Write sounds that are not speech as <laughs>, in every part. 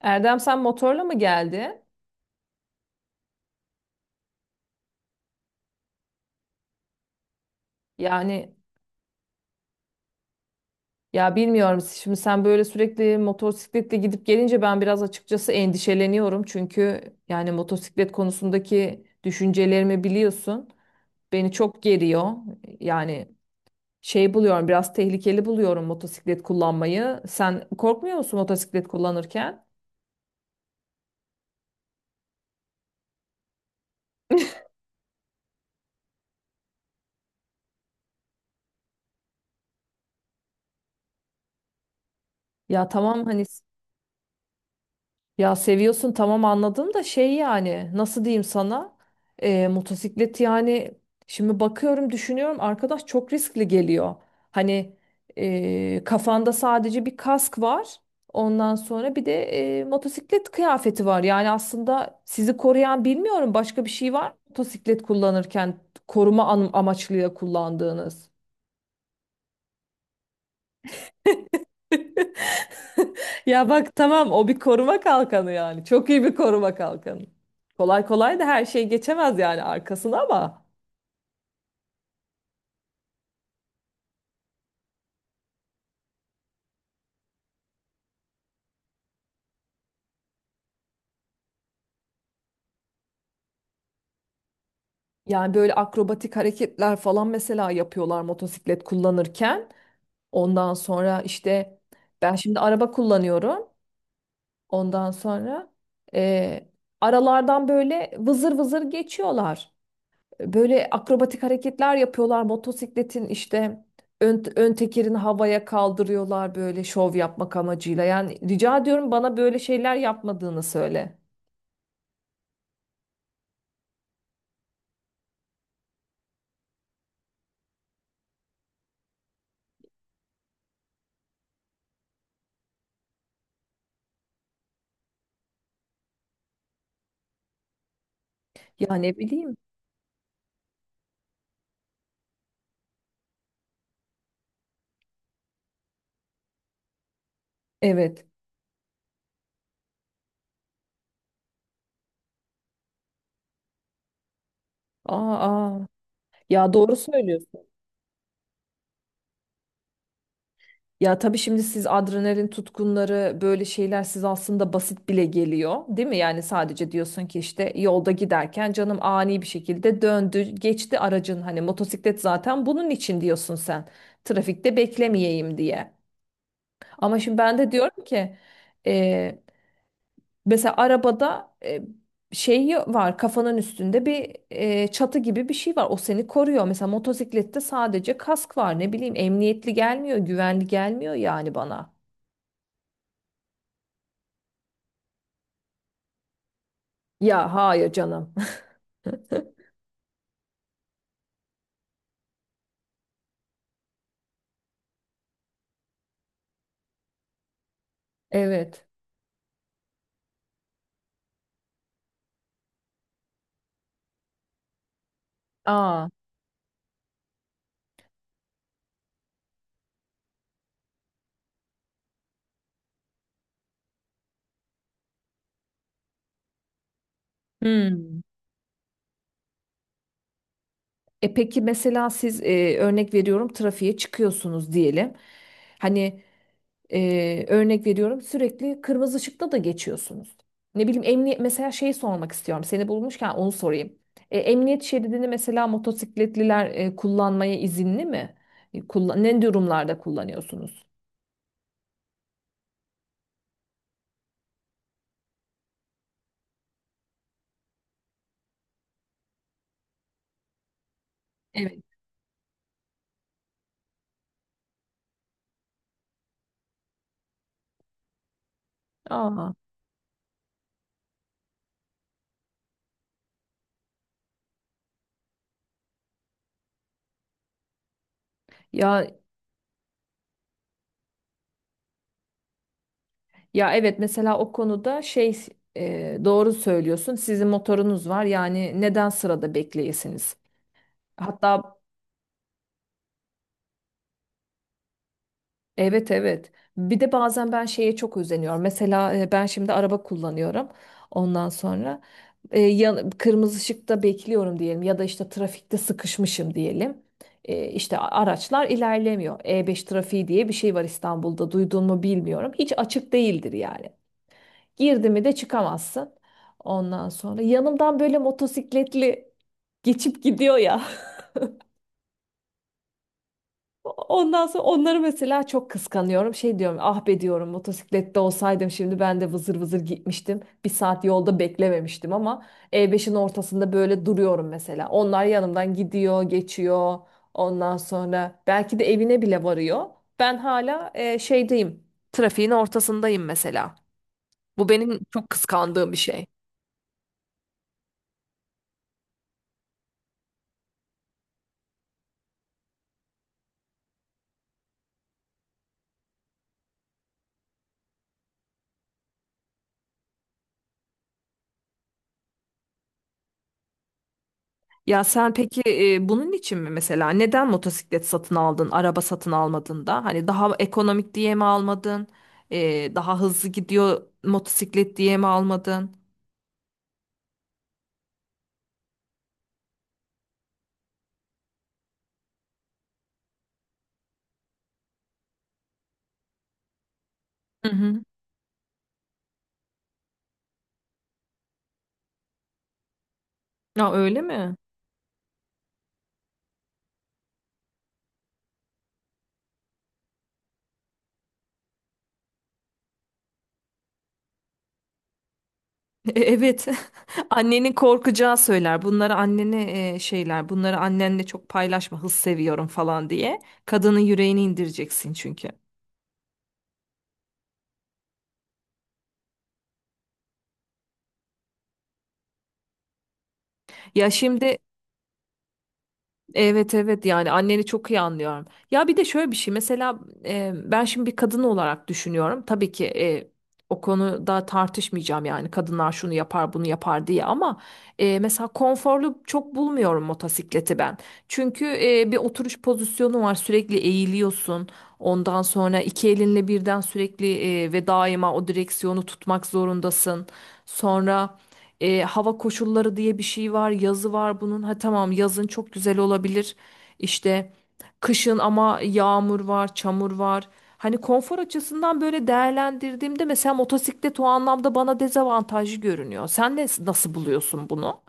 Erdem sen motorla mı geldi? Yani ya bilmiyorum, şimdi sen böyle sürekli motosikletle gidip gelince ben biraz açıkçası endişeleniyorum. Çünkü yani motosiklet konusundaki düşüncelerimi biliyorsun. Beni çok geriyor. Yani şey buluyorum, biraz tehlikeli buluyorum motosiklet kullanmayı. Sen korkmuyor musun motosiklet kullanırken? Ya tamam hani, ya seviyorsun tamam anladım da şey yani nasıl diyeyim sana. Motosiklet yani şimdi bakıyorum düşünüyorum arkadaş çok riskli geliyor. Hani kafanda sadece bir kask var, ondan sonra bir de motosiklet kıyafeti var. Yani aslında sizi koruyan bilmiyorum başka bir şey var mı motosiklet kullanırken koruma amaçlı kullandığınız? Ya bak tamam, o bir koruma kalkanı yani. Çok iyi bir koruma kalkanı. Kolay kolay da her şey geçemez yani arkasına ama. Yani böyle akrobatik hareketler falan mesela yapıyorlar motosiklet kullanırken. Ondan sonra işte ben şimdi araba kullanıyorum. Ondan sonra e, aralardan böyle vızır vızır geçiyorlar. Böyle akrobatik hareketler yapıyorlar. Motosikletin işte ön tekerini havaya kaldırıyorlar böyle şov yapmak amacıyla. Yani rica ediyorum bana böyle şeyler yapmadığını söyle. Ya ne bileyim. Evet. Aa, aa. Ya doğru söylüyorsun. Ya tabii şimdi siz adrenalin tutkunları böyle şeyler siz aslında basit bile geliyor, değil mi? Yani sadece diyorsun ki işte yolda giderken canım ani bir şekilde döndü, geçti aracın, hani motosiklet zaten bunun için diyorsun sen. Trafikte beklemeyeyim diye. Ama şimdi ben de diyorum ki, e, mesela arabada şeyi var, kafanın üstünde bir çatı gibi bir şey var. O seni koruyor. Mesela motosiklette sadece kask var. Ne bileyim emniyetli gelmiyor, güvenli gelmiyor yani bana. Ya hayır canım. <laughs> Evet. Aa. Hmm. E peki mesela siz, örnek veriyorum, trafiğe çıkıyorsunuz diyelim. Hani örnek veriyorum sürekli kırmızı ışıkta da geçiyorsunuz. Ne bileyim emniyet mesela şey sormak istiyorum. Seni bulmuşken onu sorayım. E, emniyet şeridini mesela motosikletliler kullanmaya izinli mi? E, ne durumlarda kullanıyorsunuz? Evet. Aa, ya ya evet, mesela o konuda şey, doğru söylüyorsun. Sizin motorunuz var yani neden sırada bekleyesiniz? Hatta evet, evet. Bir de bazen ben şeye çok özeniyorum. Mesela ben şimdi araba kullanıyorum. Ondan sonra kırmızı ışıkta bekliyorum diyelim ya da işte trafikte sıkışmışım diyelim. E, işte araçlar ilerlemiyor. E5 trafiği diye bir şey var İstanbul'da. Duydun mu bilmiyorum. Hiç açık değildir yani. Girdi mi de çıkamazsın. Ondan sonra yanımdan böyle motosikletli geçip gidiyor ya. <laughs> Ondan sonra onları mesela çok kıskanıyorum. Şey diyorum, ah be diyorum motosiklette olsaydım şimdi ben de vızır vızır gitmiştim, bir saat yolda beklememiştim. Ama E5'in ortasında böyle duruyorum mesela. Onlar yanımdan gidiyor, geçiyor. Ondan sonra belki de evine bile varıyor. Ben hala şeydeyim. Trafiğin ortasındayım mesela. Bu benim çok kıskandığım bir şey. Ya sen peki, bunun için mi mesela neden motosiklet satın aldın, araba satın almadın da? Hani daha ekonomik diye mi almadın? E, daha hızlı gidiyor motosiklet diye mi almadın? Hı hı. Ya öyle mi? <laughs> E, evet. <laughs> Annenin korkacağı söyler. Bunları annene şeyler. Bunları annenle çok paylaşma. Hız seviyorum falan diye. Kadının yüreğini indireceksin çünkü. Ya şimdi evet, evet, yani anneni çok iyi anlıyorum. Ya bir de şöyle bir şey mesela, ben şimdi bir kadın olarak düşünüyorum. Tabii ki o konuda tartışmayacağım, yani kadınlar şunu yapar bunu yapar diye, ama mesela konforlu çok bulmuyorum motosikleti ben. Çünkü bir oturuş pozisyonu var, sürekli eğiliyorsun. Ondan sonra iki elinle birden sürekli ve daima o direksiyonu tutmak zorundasın. Sonra. Hava koşulları diye bir şey var, yazı var bunun. Ha tamam, yazın çok güzel olabilir. İşte kışın ama yağmur var, çamur var. Hani konfor açısından böyle değerlendirdiğimde mesela motosiklet o anlamda bana dezavantajlı görünüyor. Sen ne, nasıl buluyorsun bunu?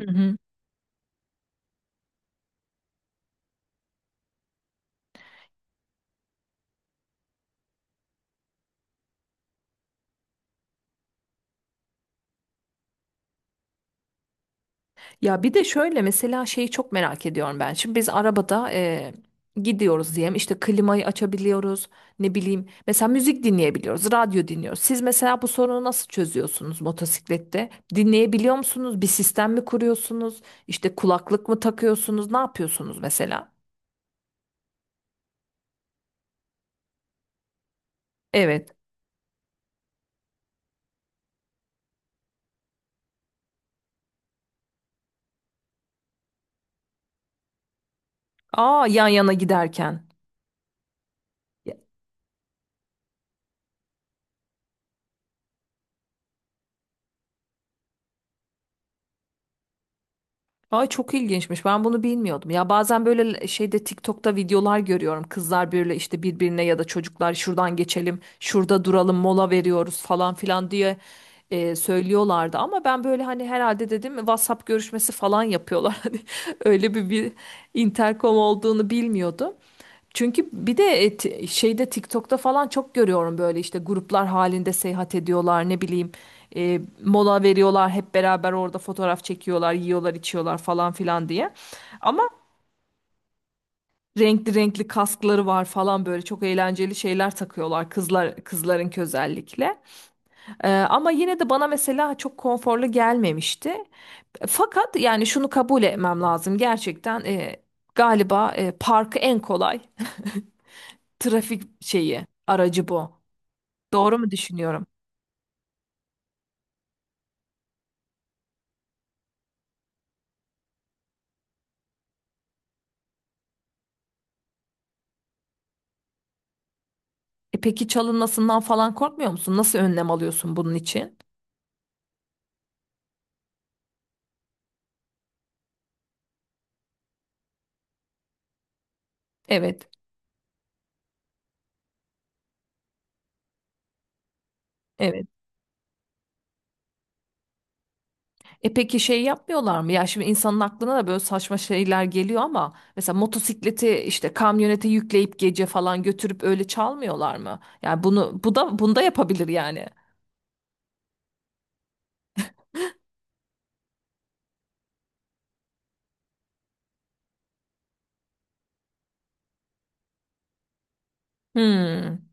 Hı hı. Ya bir de şöyle mesela şeyi çok merak ediyorum ben. Şimdi biz arabada gidiyoruz diyelim, işte klimayı açabiliyoruz, ne bileyim mesela müzik dinleyebiliyoruz, radyo dinliyoruz. Siz mesela bu sorunu nasıl çözüyorsunuz motosiklette? Dinleyebiliyor musunuz? Bir sistem mi kuruyorsunuz? İşte kulaklık mı takıyorsunuz? Ne yapıyorsunuz mesela? Evet. Aa, yan yana giderken. Ay çok ilginçmiş. Ben bunu bilmiyordum. Ya bazen böyle şeyde TikTok'ta videolar görüyorum. Kızlar böyle işte birbirine ya da çocuklar şuradan geçelim, şurada duralım, mola veriyoruz falan filan diye söylüyorlardı. Ama ben böyle hani herhalde dedim WhatsApp görüşmesi falan yapıyorlar. <laughs> Hani öyle bir intercom olduğunu bilmiyordum. Çünkü bir de şeyde TikTok'ta falan çok görüyorum, böyle işte gruplar halinde seyahat ediyorlar, ne bileyim mola veriyorlar, hep beraber orada fotoğraf çekiyorlar, yiyorlar içiyorlar falan filan diye. Ama renkli renkli kaskları var falan, böyle çok eğlenceli şeyler takıyorlar kızların özellikle. E, ama yine de bana mesela çok konforlu gelmemişti. Fakat yani şunu kabul etmem lazım gerçekten, galiba parkı en kolay. <laughs> Trafik şeyi, aracı bu. Doğru mu düşünüyorum? E peki çalınmasından falan korkmuyor musun? Nasıl önlem alıyorsun bunun için? Evet, evet. E peki şey yapmıyorlar mı? Ya şimdi insanın aklına da böyle saçma şeyler geliyor ama, mesela motosikleti işte kamyonete yükleyip gece falan götürüp öyle çalmıyorlar mı? Yani bunu bu da bunda yapabilir yani. Hmm.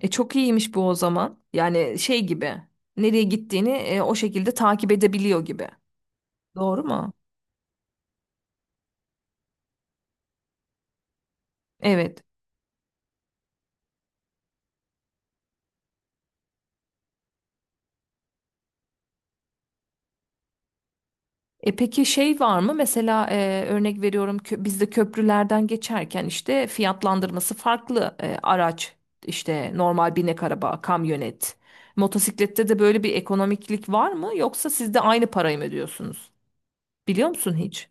E çok iyiymiş bu o zaman. Yani şey gibi, nereye gittiğini o şekilde takip edebiliyor gibi. Doğru mu? Evet. E peki şey var mı? Mesela örnek veriyorum, bizde köprülerden geçerken işte fiyatlandırması farklı. Araç işte, normal binek araba, kamyonet. Motosiklette de böyle bir ekonomiklik var mı? Yoksa siz de aynı parayı mı ödüyorsunuz? Biliyor musun hiç?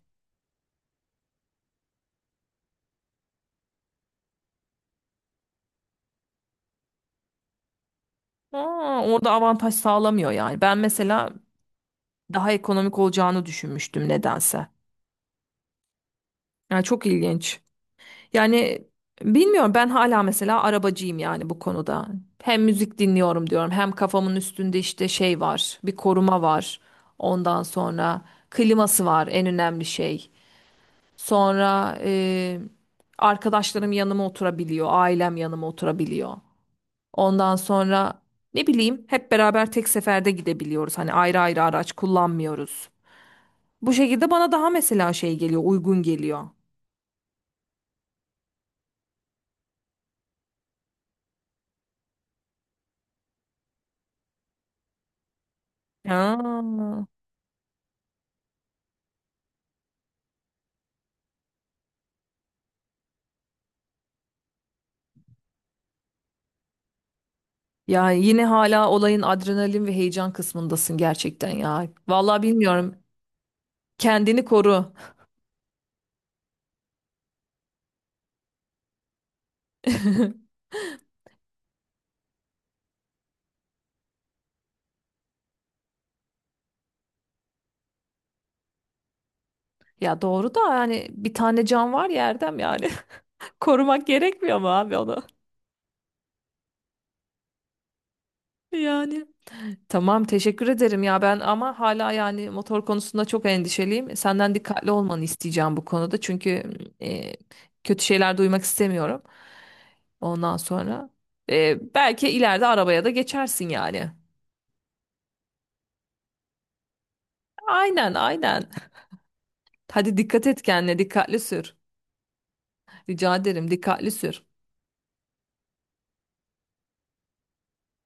Aa, orada avantaj sağlamıyor yani. Ben mesela daha ekonomik olacağını düşünmüştüm nedense. Yani çok ilginç. Yani bilmiyorum, ben hala mesela arabacıyım yani bu konuda. Hem müzik dinliyorum diyorum, hem kafamın üstünde işte şey var, bir koruma var. Ondan sonra kliması var, en önemli şey. Sonra arkadaşlarım yanıma oturabiliyor, ailem yanıma oturabiliyor. Ondan sonra ne bileyim hep beraber tek seferde gidebiliyoruz. Hani ayrı ayrı araç kullanmıyoruz. Bu şekilde bana daha mesela şey geliyor, uygun geliyor. Ha. Yani yine hala olayın adrenalin ve heyecan kısmındasın gerçekten ya. Vallahi bilmiyorum. Kendini koru. <laughs> Ya doğru da, yani bir tane can var ya Erdem yani. <laughs> Korumak gerekmiyor mu abi onu? Yani. Tamam teşekkür ederim ya, ben ama hala yani motor konusunda çok endişeliyim. Senden dikkatli olmanı isteyeceğim bu konuda. Çünkü e, kötü şeyler duymak istemiyorum. Ondan sonra belki ileride arabaya da geçersin yani. Aynen, aynen. Hadi dikkat et kendine, dikkatli sür. Rica ederim, dikkatli sür.